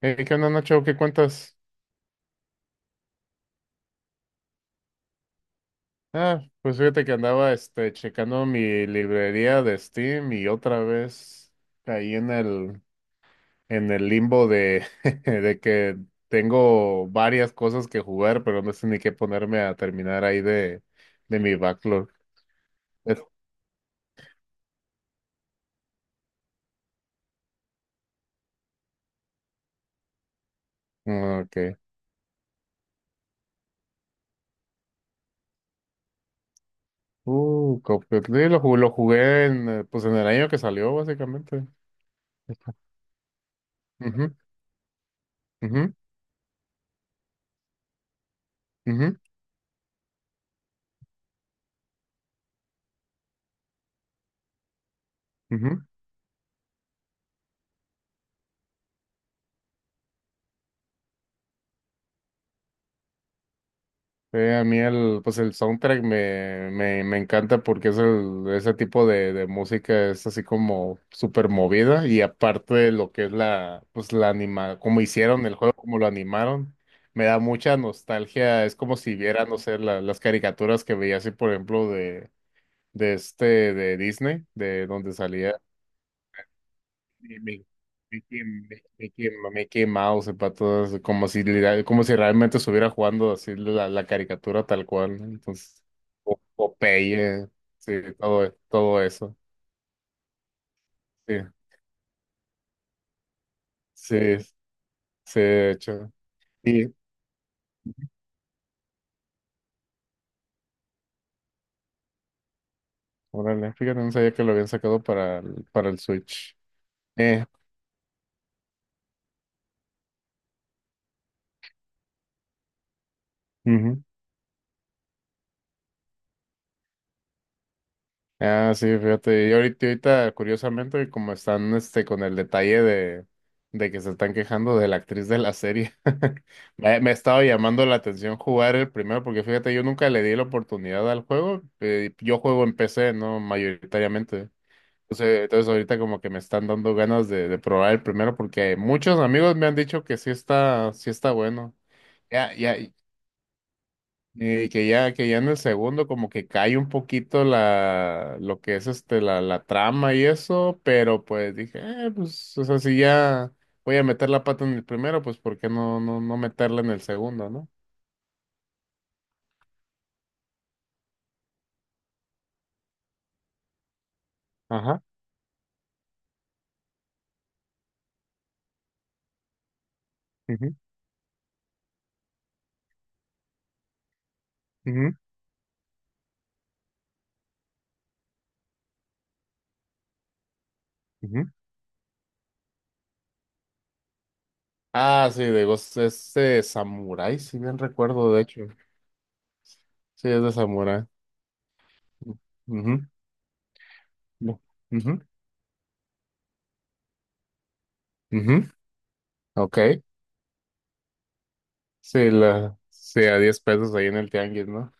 ¿qué onda, Nacho? ¿Qué cuentas? Ah, pues fíjate que andaba checando mi librería de Steam y otra vez caí en el limbo de, de que tengo varias cosas que jugar, pero no sé ni qué ponerme a terminar ahí de mi backlog. Es- ah, ok. Cuphead, sí, lo jugué pues en el año que salió, básicamente. Ujú, ujú, ujú, ujú. A mí pues el soundtrack me encanta porque es el, ese tipo de música es así como súper movida, y aparte de lo que es pues como hicieron el juego, como lo animaron, me da mucha nostalgia. Es como si viera, no sé, las caricaturas que veía así, por ejemplo, de, de este, de Disney, de donde salía me, me, me, quem- me- me quema- me he quemado, sepa, todas como si, como si realmente estuviera jugando así la caricatura tal cual, ¿no? Entonces, Popeye, sí, todo, todo eso, sí, sí, sí, de hecho. Y, órale, fíjate, no sabía que lo habían sacado para el Switch. Eh, ujú. Ah, sí, fíjate. Y ahorita, ahorita, curiosamente, como están con el detalle de que se están quejando de la actriz de la serie. Me estaba llamando la atención jugar el primero, porque fíjate, yo nunca le di la oportunidad al juego. Yo juego en PC, ¿no? Mayoritariamente. Entonces ahorita como que me están dando ganas de probar el primero, porque muchos amigos me han dicho que sí está bueno. Ya, ya, y que ya en el segundo como que cae un poquito lo que es la trama y eso. Pero pues dije, pues, o sea, si ya voy a meter la pata en el primero, pues ¿por qué no, no, no meterla en el segundo, no? Ajá. Ujú, ujú, ujú. Ah, sí, digo, es de samurái, si bien recuerdo, de hecho. Sí, es de samurái. Ujú, bu- ujú, ujú. Ok. Sí, sí, a 10 pesos ahí en el tianguis, no.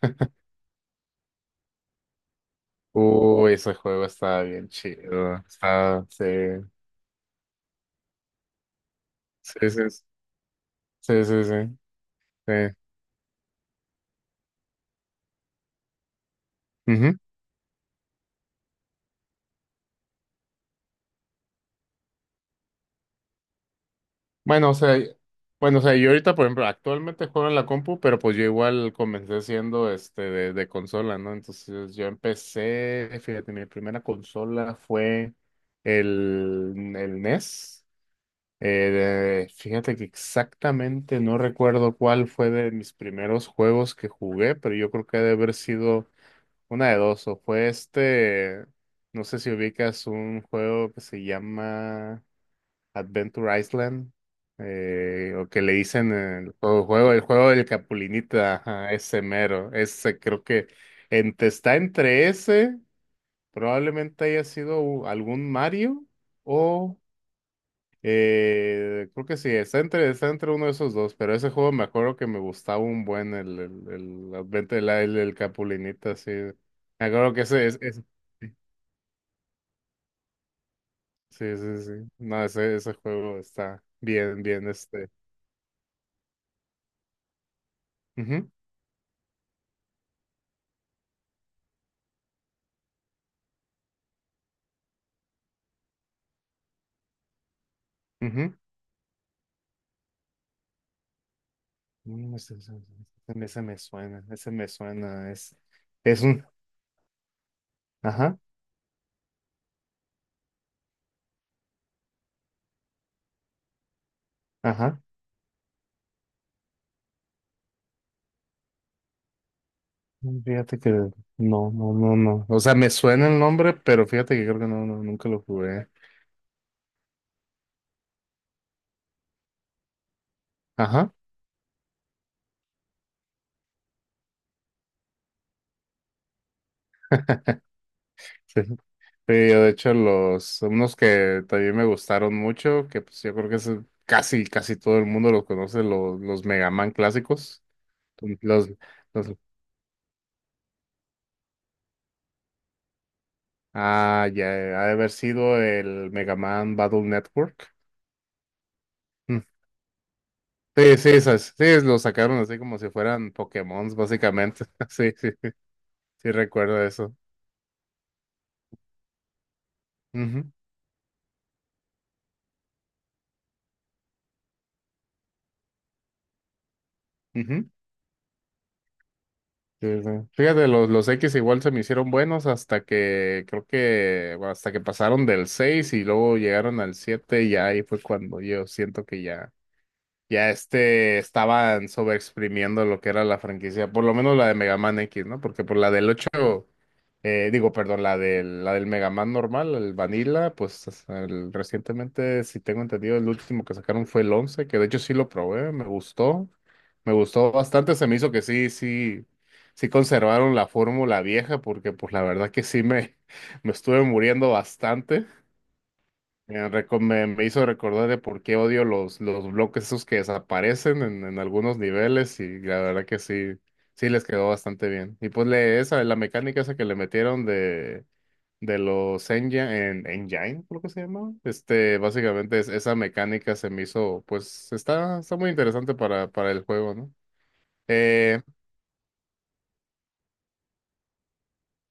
Ese juego estaba bien chido. Estaba, sí, sí, sí, sí, sí, sí, sí. Sí. Ujú. Bueno, o sea, bueno, o sea, yo ahorita, por ejemplo, actualmente juego en la compu, pero pues yo igual comencé siendo de consola, ¿no? Entonces yo empecé, fíjate, mi primera consola fue el NES. Fíjate que exactamente no recuerdo cuál fue de mis primeros juegos que jugué, pero yo creo que ha de haber sido una de dos. O fue no sé si ubicas un juego que se llama Adventure Island, o que le dicen el juego, el juego del Capulinita, ajá, ese mero. Ese creo que está entre ese, probablemente haya sido algún Mario. Creo que sí, está entre uno de esos dos, pero ese juego me acuerdo que me gustaba un buen el el Capulinita, sí. Me acuerdo que sí, sí, sí. Sí. No, ese juego está bien, bien, este. Ujú, ujú. Mm, ese, ese- Ese me suena, ese me suena, es un, ajá, ajá. Fíjate que no, no, no, no. O sea, me suena el nombre, pero fíjate que creo que no, no, nunca lo jugué. Ajá. Sí. Sí, yo de hecho los unos que también me gustaron mucho, que pues yo creo que es casi casi todo el mundo los conoce, los Mega Man clásicos. Los, los Ah, ya ha de haber sido el Mega Man Battle Network. Mm. Sí, sí, esas, sí, los sacaron así como si fueran Pokémon, básicamente. Sí, sí, sí recuerdo eso. Ujú, ujú. Sí, sí. Fíjate, los X igual se me hicieron buenos hasta que creo que bueno, hasta que pasaron del 6 y luego llegaron al 7, y ahí fue cuando yo siento que ya estaban sobreexprimiendo lo que era la franquicia, por lo menos la de Mega Man X, ¿no? Porque por la del 8 digo, perdón, la del Mega Man normal, el Vanilla, pues recientemente, si tengo entendido, el último que sacaron fue el 11, que de hecho sí lo probé, me gustó bastante. Se me hizo que sí, sí, sí conservaron la fórmula vieja, porque pues la verdad que sí me, me estuve muriendo bastante. Me hizo recordar de por qué odio los bloques esos que desaparecen en algunos niveles, y la verdad que sí, sí les quedó bastante bien. La mecánica esa que le metieron de los engine, engine, creo que se llama. Básicamente esa mecánica se me hizo, pues está, está muy interesante para el juego, ¿no? Eh,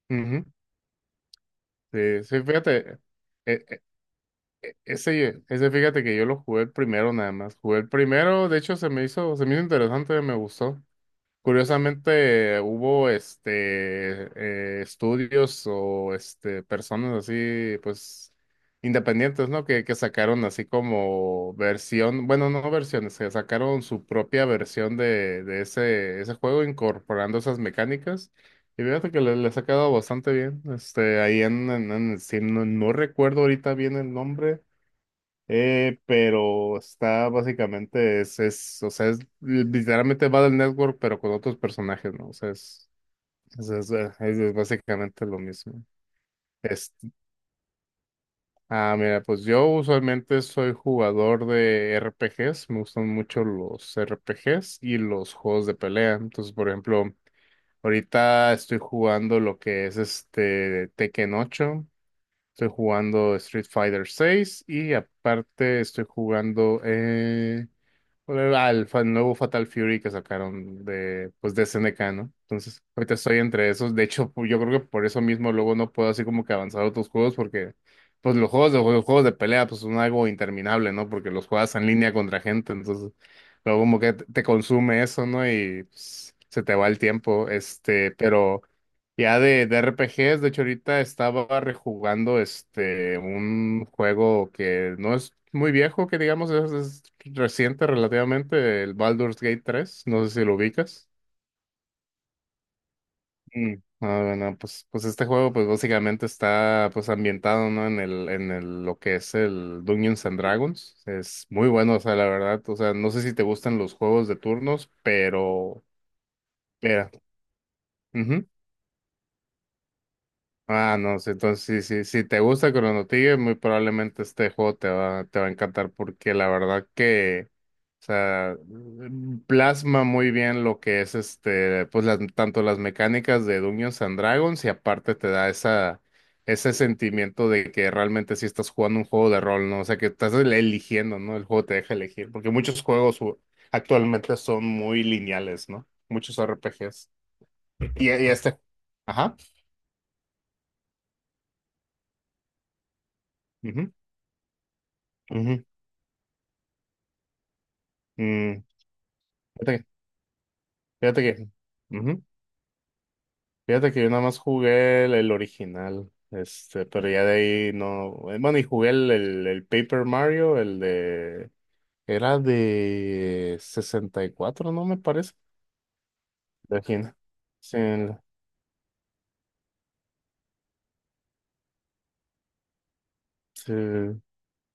Ujú. Sí, sí, fíjate, eh, eh, ese, ese, fíjate que yo lo jugué el primero nada más, jugué el primero. De hecho se me hizo interesante, me gustó. Curiosamente, hubo estudios o personas así, pues independientes, ¿no? Que sacaron así como versión, bueno, no versiones, que sacaron su propia versión de ese, ese juego incorporando esas mecánicas. Y fíjate que le, les ha quedado bastante bien. Este, ahí en Steam, no, no recuerdo ahorita bien el nombre. Pero está básicamente, o sea, es literalmente Battle Network, pero con otros personajes, ¿no? O sea, es básicamente lo mismo. Este, ah, mira, pues yo usualmente soy jugador de RPGs, me gustan mucho los RPGs y los juegos de pelea. Entonces, por ejemplo, ahorita estoy jugando lo que es Tekken 8, estoy jugando Street Fighter 6, y aparte estoy jugando nuevo Fatal Fury que sacaron de, pues, de SNK, ¿no? Entonces, ahorita estoy entre esos. De hecho, yo creo que por eso mismo luego no puedo así como que avanzar a otros juegos, porque pues los juegos de pelea, pues, son algo interminable, ¿no? Porque los juegas en línea contra gente. Entonces, luego como que te consume eso, ¿no? Y pues, se te va el tiempo, este, pero... Ya de RPGs, de hecho ahorita estaba rejugando un juego que no es muy viejo, que digamos es reciente relativamente, el Baldur's Gate 3, no sé si lo ubicas. Mm. Ah, bueno, pues, pues este juego pues básicamente está pues ambientado, ¿no? en lo que es el Dungeons and Dragons. Es muy bueno, o sea, la verdad, o sea, no sé si te gustan los juegos de turnos, pero ujú. Ah, no, sí, entonces sí, sí, si te gusta Chrono Trigger, muy probablemente este juego te va a encantar, porque la verdad que, o sea, mm, plasma muy bien lo que es este, pues tanto las mecánicas de Dungeons and Dragons, y aparte te da ese sentimiento de que realmente sí estás jugando un juego de rol, ¿no? O sea, que eligiendo, ¿no? El juego te deja elegir, porque muchos actualmente son muy lineales, ¿no? Muchos RPGs. Y este, ajá. Ujú, ujú. Mm. Fíjate que, fíjate que, Ujú. Fíjate que yo nada más jugué el original, este. Pero ya de ahí no, bueno, y jugué el Paper Mario, el de, era de 64, ¿no? Me parece, imagina. Sí, el- sí.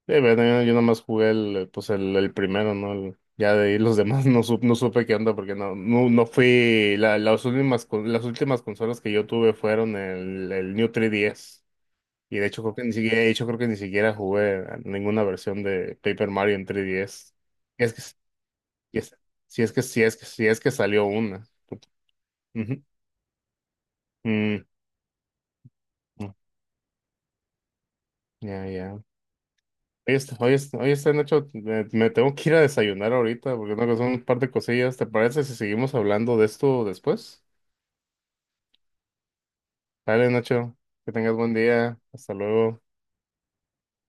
Sí, bueno, yo nada más jugué el, pues el primero, ¿no? Ya de ahí los demás no, no supe qué onda, porque no, no, no fui, las últimas, las últimas consolas que yo tuve fueron el New 3DS. Y de hecho creo que ni siquiera, de hecho creo que ni siquiera jugué a ninguna versión de Paper Mario en 3DS. Y es que, y es- Si es que, si es que, si es que salió una. Ujú. Mm, mm, ya, ya. Oye, este, Nacho, me tengo que ir a desayunar ahorita porque tengo que hacer un par de cosillas. ¿Te parece si seguimos hablando de esto después? Dale, Nacho, que tengas buen día. Hasta luego.